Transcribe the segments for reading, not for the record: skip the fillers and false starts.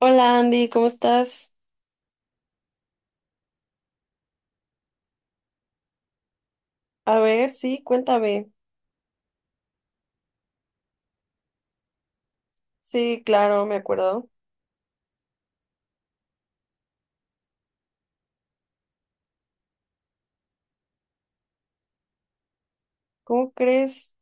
Hola Andy, ¿cómo estás? A ver, sí, cuéntame. Sí, claro, me acuerdo. ¿Cómo crees?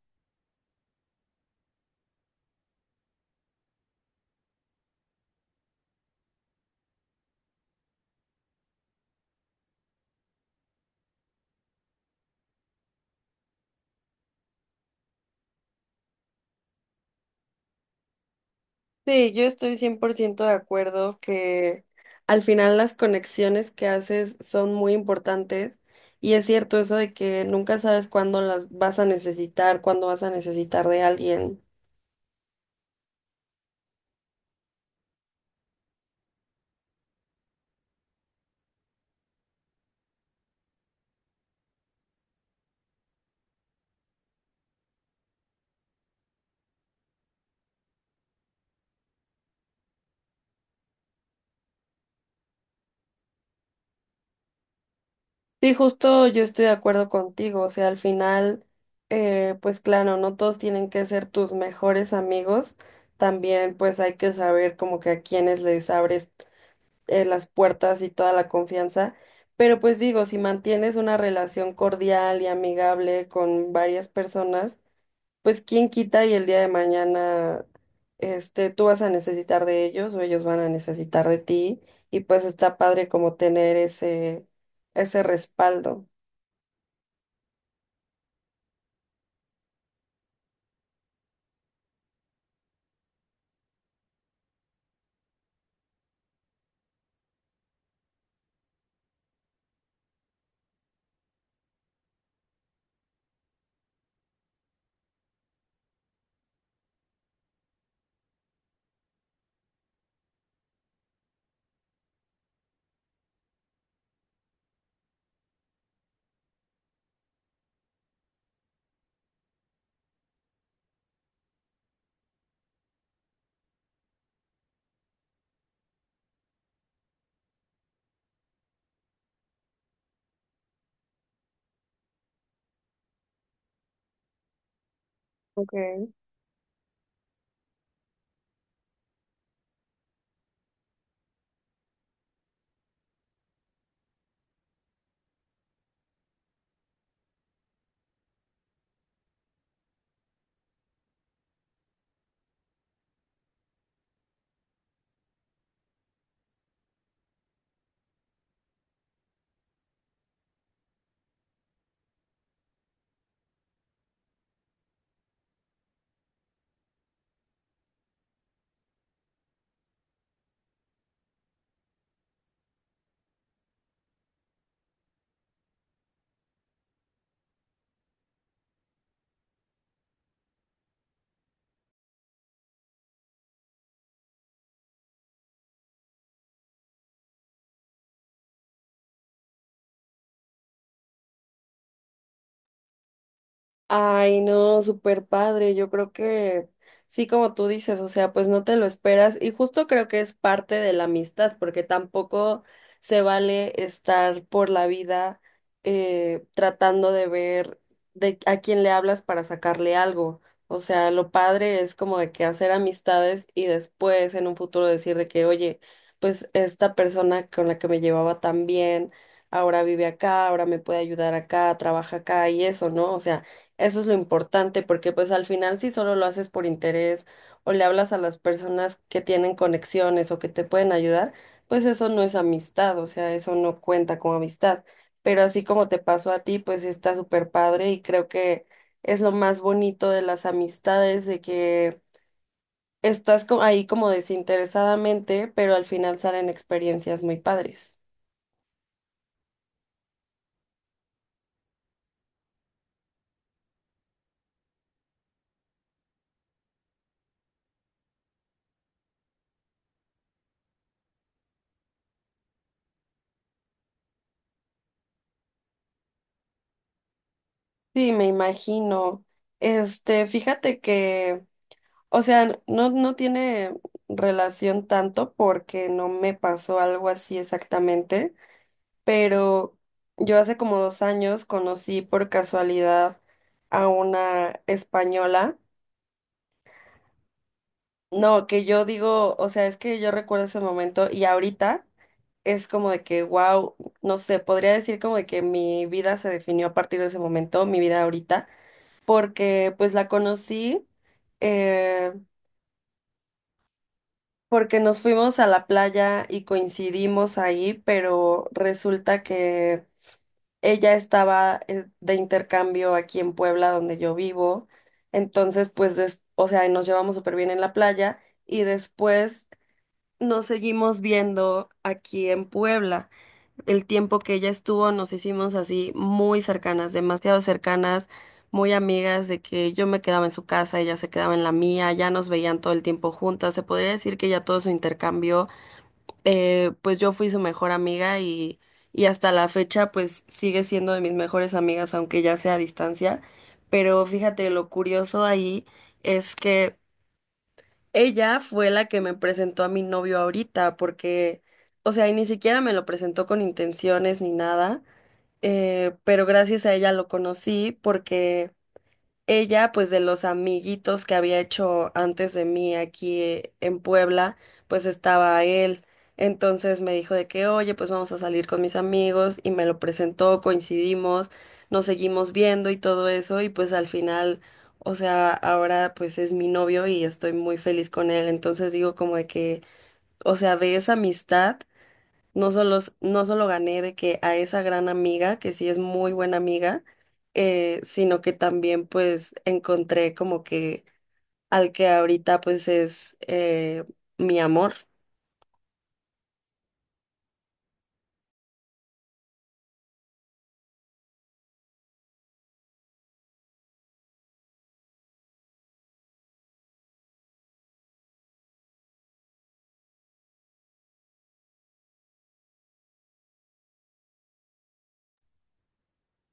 Sí, yo estoy 100% de acuerdo que al final las conexiones que haces son muy importantes y es cierto eso de que nunca sabes cuándo las vas a necesitar, cuándo vas a necesitar de alguien. Sí, justo yo estoy de acuerdo contigo, o sea, al final, pues claro, no todos tienen que ser tus mejores amigos. También pues hay que saber como que a quiénes les abres las puertas y toda la confianza. Pero pues digo, si mantienes una relación cordial y amigable con varias personas, pues quién quita y el día de mañana, tú vas a necesitar de ellos o ellos van a necesitar de ti. Y pues está padre como tener ese respaldo. Ok. Ay, no, súper padre. Yo creo que sí, como tú dices, o sea, pues no te lo esperas y justo creo que es parte de la amistad, porque tampoco se vale estar por la vida tratando de ver de a quién le hablas para sacarle algo. O sea, lo padre es como de que hacer amistades y después en un futuro decir de que, oye, pues esta persona con la que me llevaba tan bien, ahora vive acá, ahora me puede ayudar acá, trabaja acá y eso, ¿no? O sea, eso es lo importante, porque pues al final si solo lo haces por interés o le hablas a las personas que tienen conexiones o que te pueden ayudar, pues eso no es amistad, o sea, eso no cuenta como amistad. Pero así como te pasó a ti, pues está súper padre y creo que es lo más bonito de las amistades, de que estás ahí como desinteresadamente, pero al final salen experiencias muy padres. Sí, me imagino. Fíjate que. O sea, no, no tiene relación tanto porque no me pasó algo así exactamente, pero yo hace como 2 años conocí por casualidad a una española. No, que yo digo, o sea, es que yo recuerdo ese momento y ahorita es como de que, wow, no sé, podría decir como de que mi vida se definió a partir de ese momento, mi vida ahorita, porque pues la conocí. eh, Porque nos fuimos a la playa y coincidimos ahí, pero resulta que ella estaba de intercambio aquí en Puebla, donde yo vivo. Entonces, pues, o sea, nos llevamos súper bien en la playa y después nos seguimos viendo aquí en Puebla. El tiempo que ella estuvo, nos hicimos así muy cercanas, demasiado cercanas, muy amigas de que yo me quedaba en su casa, ella se quedaba en la mía, ya nos veían todo el tiempo juntas. Se podría decir que ya todo su intercambio pues yo fui su mejor amiga y hasta la fecha pues sigue siendo de mis mejores amigas, aunque ya sea a distancia. Pero fíjate, lo curioso ahí es que ella fue la que me presentó a mi novio ahorita, porque, o sea, y ni siquiera me lo presentó con intenciones ni nada, pero gracias a ella lo conocí. Ella, pues de los amiguitos que había hecho antes de mí aquí en Puebla, pues estaba él. Entonces me dijo de que, oye, pues vamos a salir con mis amigos y me lo presentó, coincidimos, nos seguimos viendo y todo eso y pues al final, o sea, ahora pues es mi novio y estoy muy feliz con él. Entonces digo como de que, o sea, de esa amistad. No solo, no solo gané de que a esa gran amiga, que sí es muy buena amiga, sino que también pues encontré como que al que ahorita pues es mi amor.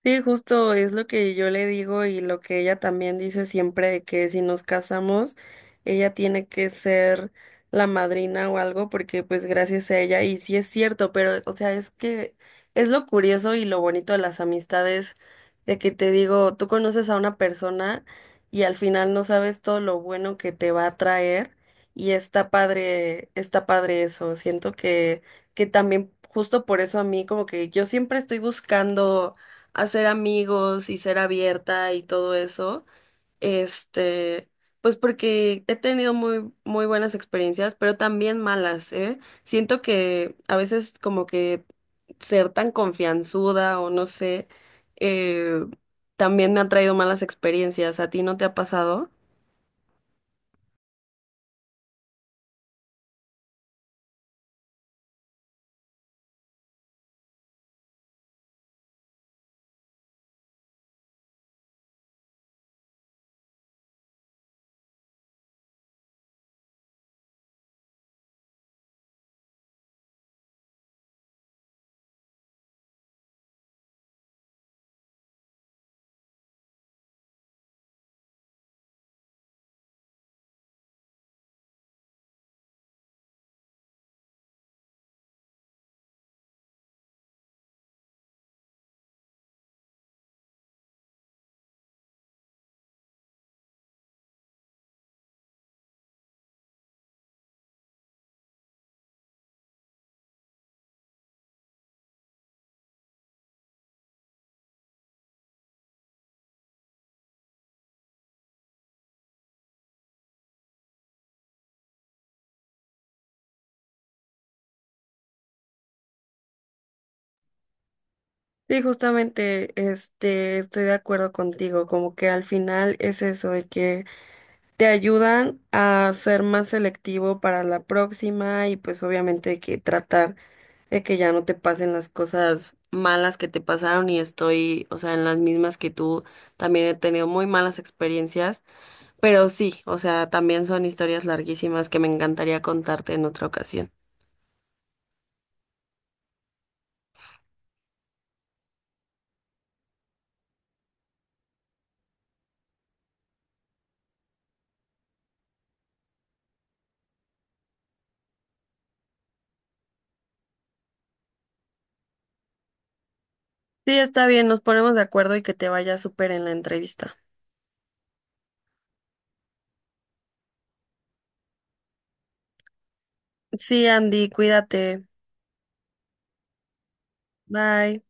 Sí, justo es lo que yo le digo y lo que ella también dice siempre de que si nos casamos, ella tiene que ser la madrina o algo porque pues gracias a ella y sí es cierto, pero o sea, es que es lo curioso y lo bonito de las amistades de que te digo, tú conoces a una persona y al final no sabes todo lo bueno que te va a traer y está padre eso. Siento que también justo por eso a mí como que yo siempre estoy buscando hacer amigos y ser abierta y todo eso. Este, pues porque he tenido muy, muy buenas experiencias, pero también malas, ¿eh? Siento que a veces como que ser tan confianzuda o no sé, eh, también me ha traído malas experiencias. ¿A ti no te ha pasado? Sí, justamente, estoy de acuerdo contigo, como que al final es eso de que te ayudan a ser más selectivo para la próxima y pues obviamente que tratar de que ya no te pasen las cosas malas que te pasaron y estoy, o sea, en las mismas que tú, también he tenido muy malas experiencias, pero sí, o sea, también son historias larguísimas que me encantaría contarte en otra ocasión. Sí, está bien, nos ponemos de acuerdo y que te vaya súper en la entrevista. Sí, Andy, cuídate. Bye.